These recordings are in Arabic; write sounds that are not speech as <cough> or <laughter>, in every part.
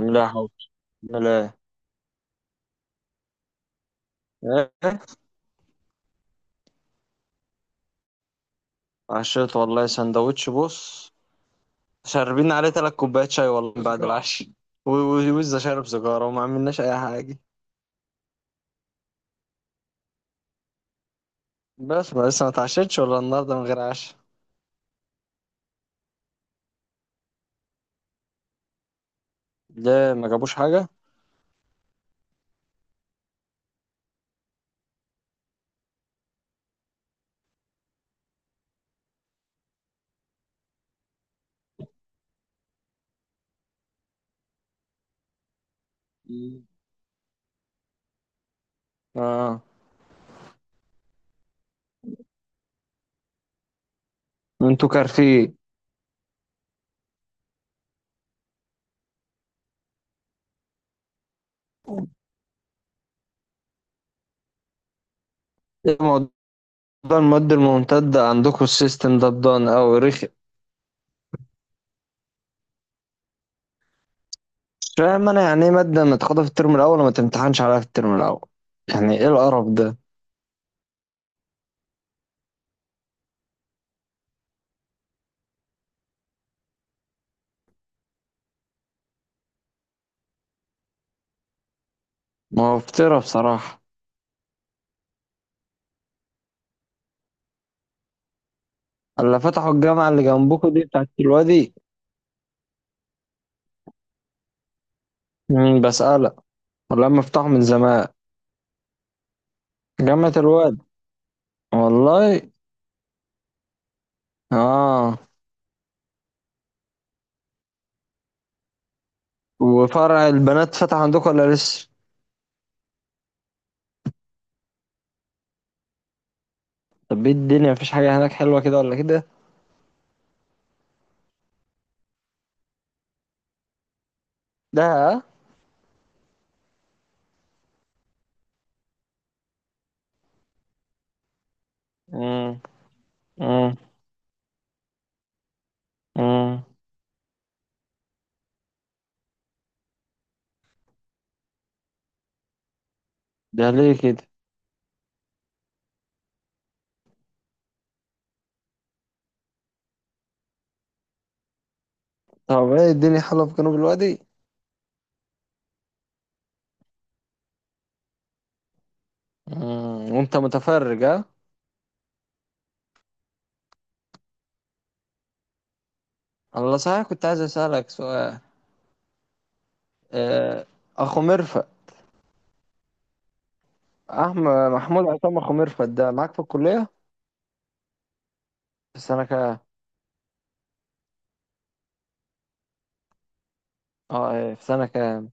لا حول ولا إيه؟ عشيت والله سندوتش، بص، شاربين عليه تلات كوبايات شاي والله بعد سيجارة العشاء. وإزاي شارب سيجارة وما عملناش أي حاجة؟ بس ما لسه ما اتعشتش ولا النهاردة من غير عشاء؟ ليه ما جابوش حاجة؟ مم. اه، انتوا كارفين. ايه موضوع المواد الممتدة عندكم؟ السيستم ده بدان أوي، رخي. مش فاهم أنا، يعني إيه مادة متاخدة في الترم الأول وما تمتحنش عليها في الترم الأول؟ يعني إيه القرف ده؟ موفرة بصراحة. اللي فتحوا الجامعة اللي جنبكم دي بتاعت الوادي؟ مم، بسألك، ولا هم فتحوا من زمان؟ جامعة الوادي، والله. اه، وفرع البنات فتح عندكم ولا لسه؟ طب ايه الدنيا، مفيش حاجة هناك حلوة كده ولا كده؟ ده امم، امم، امم. ده ليه كده؟ طب ايه الدنيا حلوة في جنوب الوادي؟ امم، وانت متفرج؟ ها، الله، صحيح كنت عايز اسألك سؤال. آه، اخو مرفق، احمد محمود عصام، اخو مرفق ده معاك في الكلية؟ في السنة كام؟ اه. في سنة كام؟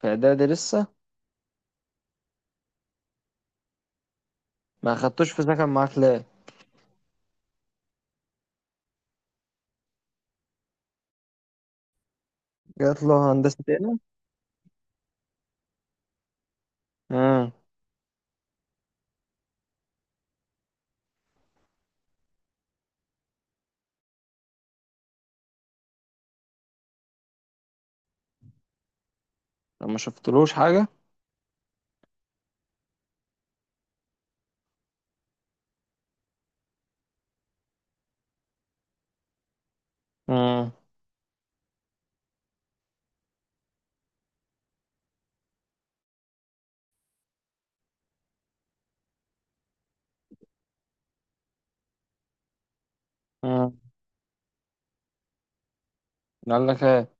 في إعدادي لسه؟ ما خدتوش في سكن معاك ليه؟ جات له هندسة هنا. امم. ما شفتلوش حاجة؟ امم، امم. قال لك ايه؟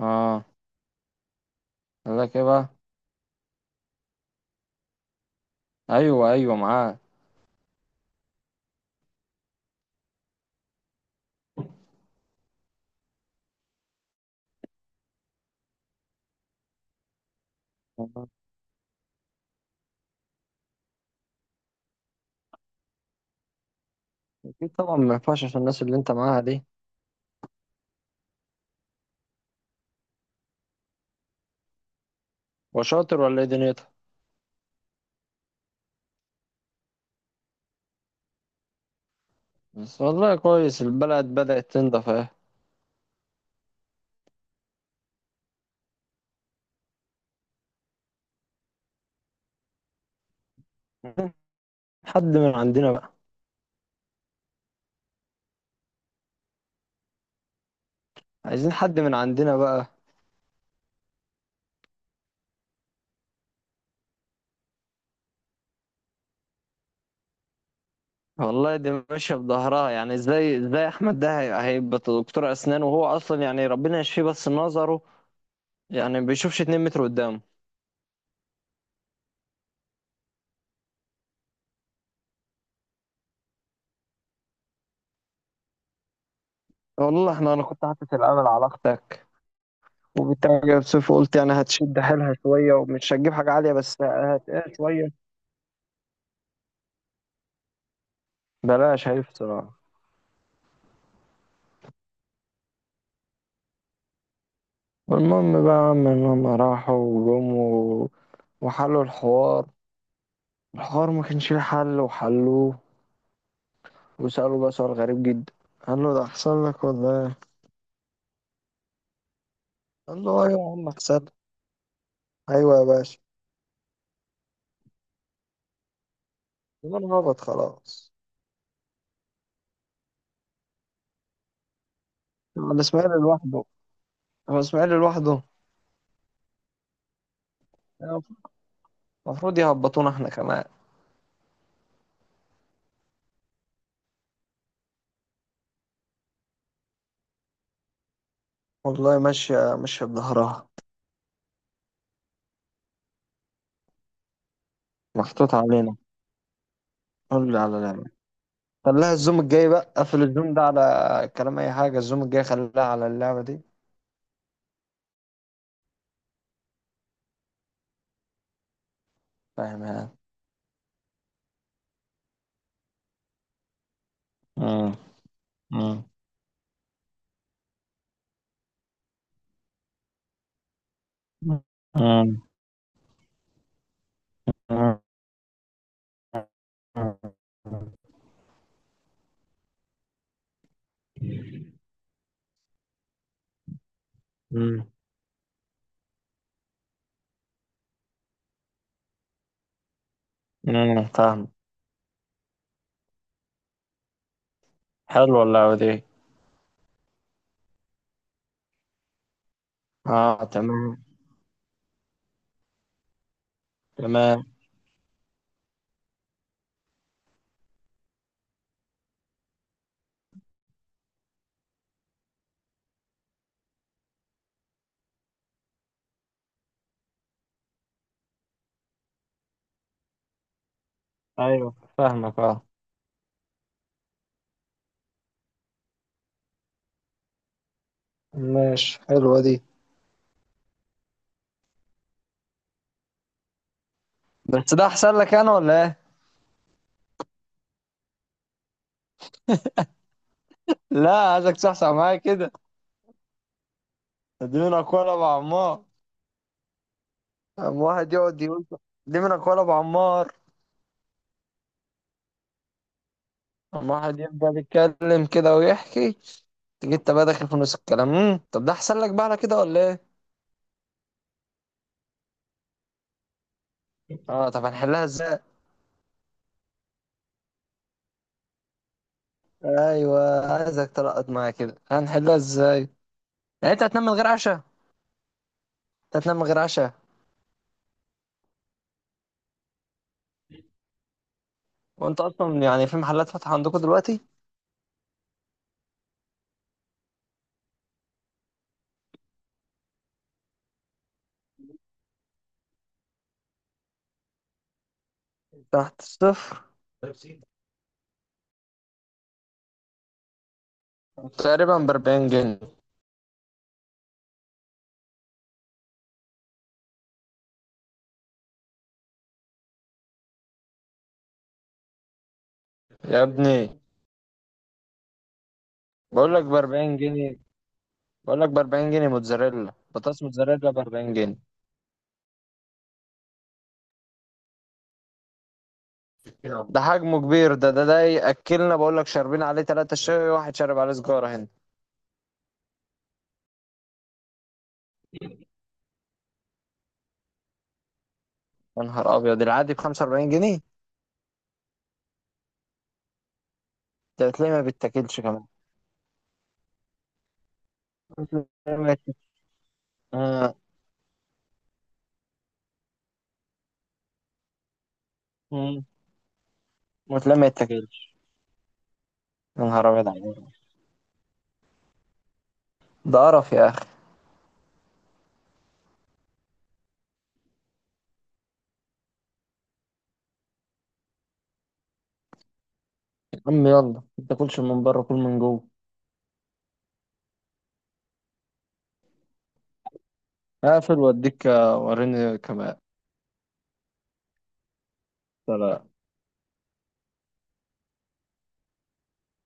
اه. قال لك ايه بقى؟ ايوه ايوه، معاك. آه، اكيد طبعا، ما ينفعش عشان الناس اللي انت معاها دي. وشاطر ولا ايه دنيتها؟ بس والله كويس، البلد بدأت تنضف اهي. <laughs> حد من عندنا بقى؟ عايزين حد من عندنا بقى. والله دي ماشية بظهرها، يعني ازاي ازاي احمد ده هيبقى دكتور اسنان، وهو اصلا يعني ربنا يشفيه، بس نظره يعني بيشوفش 2 متر قدامه. والله احنا، انا كنت حاطط الامل على اختك، وبالتالي جايب صفر، قلت يعني هتشد حيلها شويه، ومش هتجيب حاجه عاليه بس هتقل شويه. بلاش، هي بصراحه. والمهم بقى يا عم ان هم راحوا وجم وحلوا الحوار. الحوار ما كانش ليه حل وحلوه. وسالوا بقى سؤال غريب جدا، قال له ده حصل لك ولا ايه؟ قال له ايوه يا عم حصل. ايوه يا باشا. يبقى انا هبط خلاص. هو الاسماعيلي لوحده؟ هو الاسماعيلي لوحده. المفروض يهبطونا احنا كمان. والله ماشية ماشية بظهرها، محطوط علينا. قول لي على اللعبة. خليها الزوم الجاي بقى، قفل الزوم ده على كلام أي حاجة، الزوم الجاي خليها على اللعبة دي. فاهم يعني؟ مم. مم. مم. مم. مم. فاهم. حلوة اللعبة دي. اه تمام، تمام. أيوة فاهمك، أه. ماشي، حلوة دي. بس ده أحسن لك أنا ولا إيه؟ لا، عايزك تصحصح معايا كده، اديني أقوى أنا بعمار. قام واحد يقعد يقول دي منك ولا ابو عمار. قام واحد يفضل يتكلم كده ويحكي، تيجي انت بقى داخل في نص الكلام. طب ده احسن لك بقى على كده ولا ايه؟ اه. طب هنحلها ازاي؟ ايوه، عايزك تلقط معايا كده، هنحلها ازاي؟ يعني انت هتنام من غير عشاء؟ انت هتنام من غير عشاء؟ وانت اصلا يعني في محلات فاتحه عندكم دلوقتي؟ تحت الصفر. تقريبا ب 40 جنيه، يا ابني. بقول لك ب 40 جنيه. بقول لك ب 40 جنيه، موتزاريلا بطاطس، موتزاريلا ب 40 جنيه. يلا، ده حجمه كبير، ده ياكلنا، بقول لك شاربين عليه 3 شاي، واحد شارب عليه سجارة هنا. يا نهار ابيض، العادي ب 45 جنيه؟ ده تلاقيه ما بيتاكلش كمان. وتلاقيه ما يت- آه، مم. وتلاقيه ما يتاكلش. يا نهار ابيض عليك، ده قرف يا اخي. يا عم يلا، ما تاكلش من بره، كل من جوه. اقفل واديك، وريني كمان. سلام.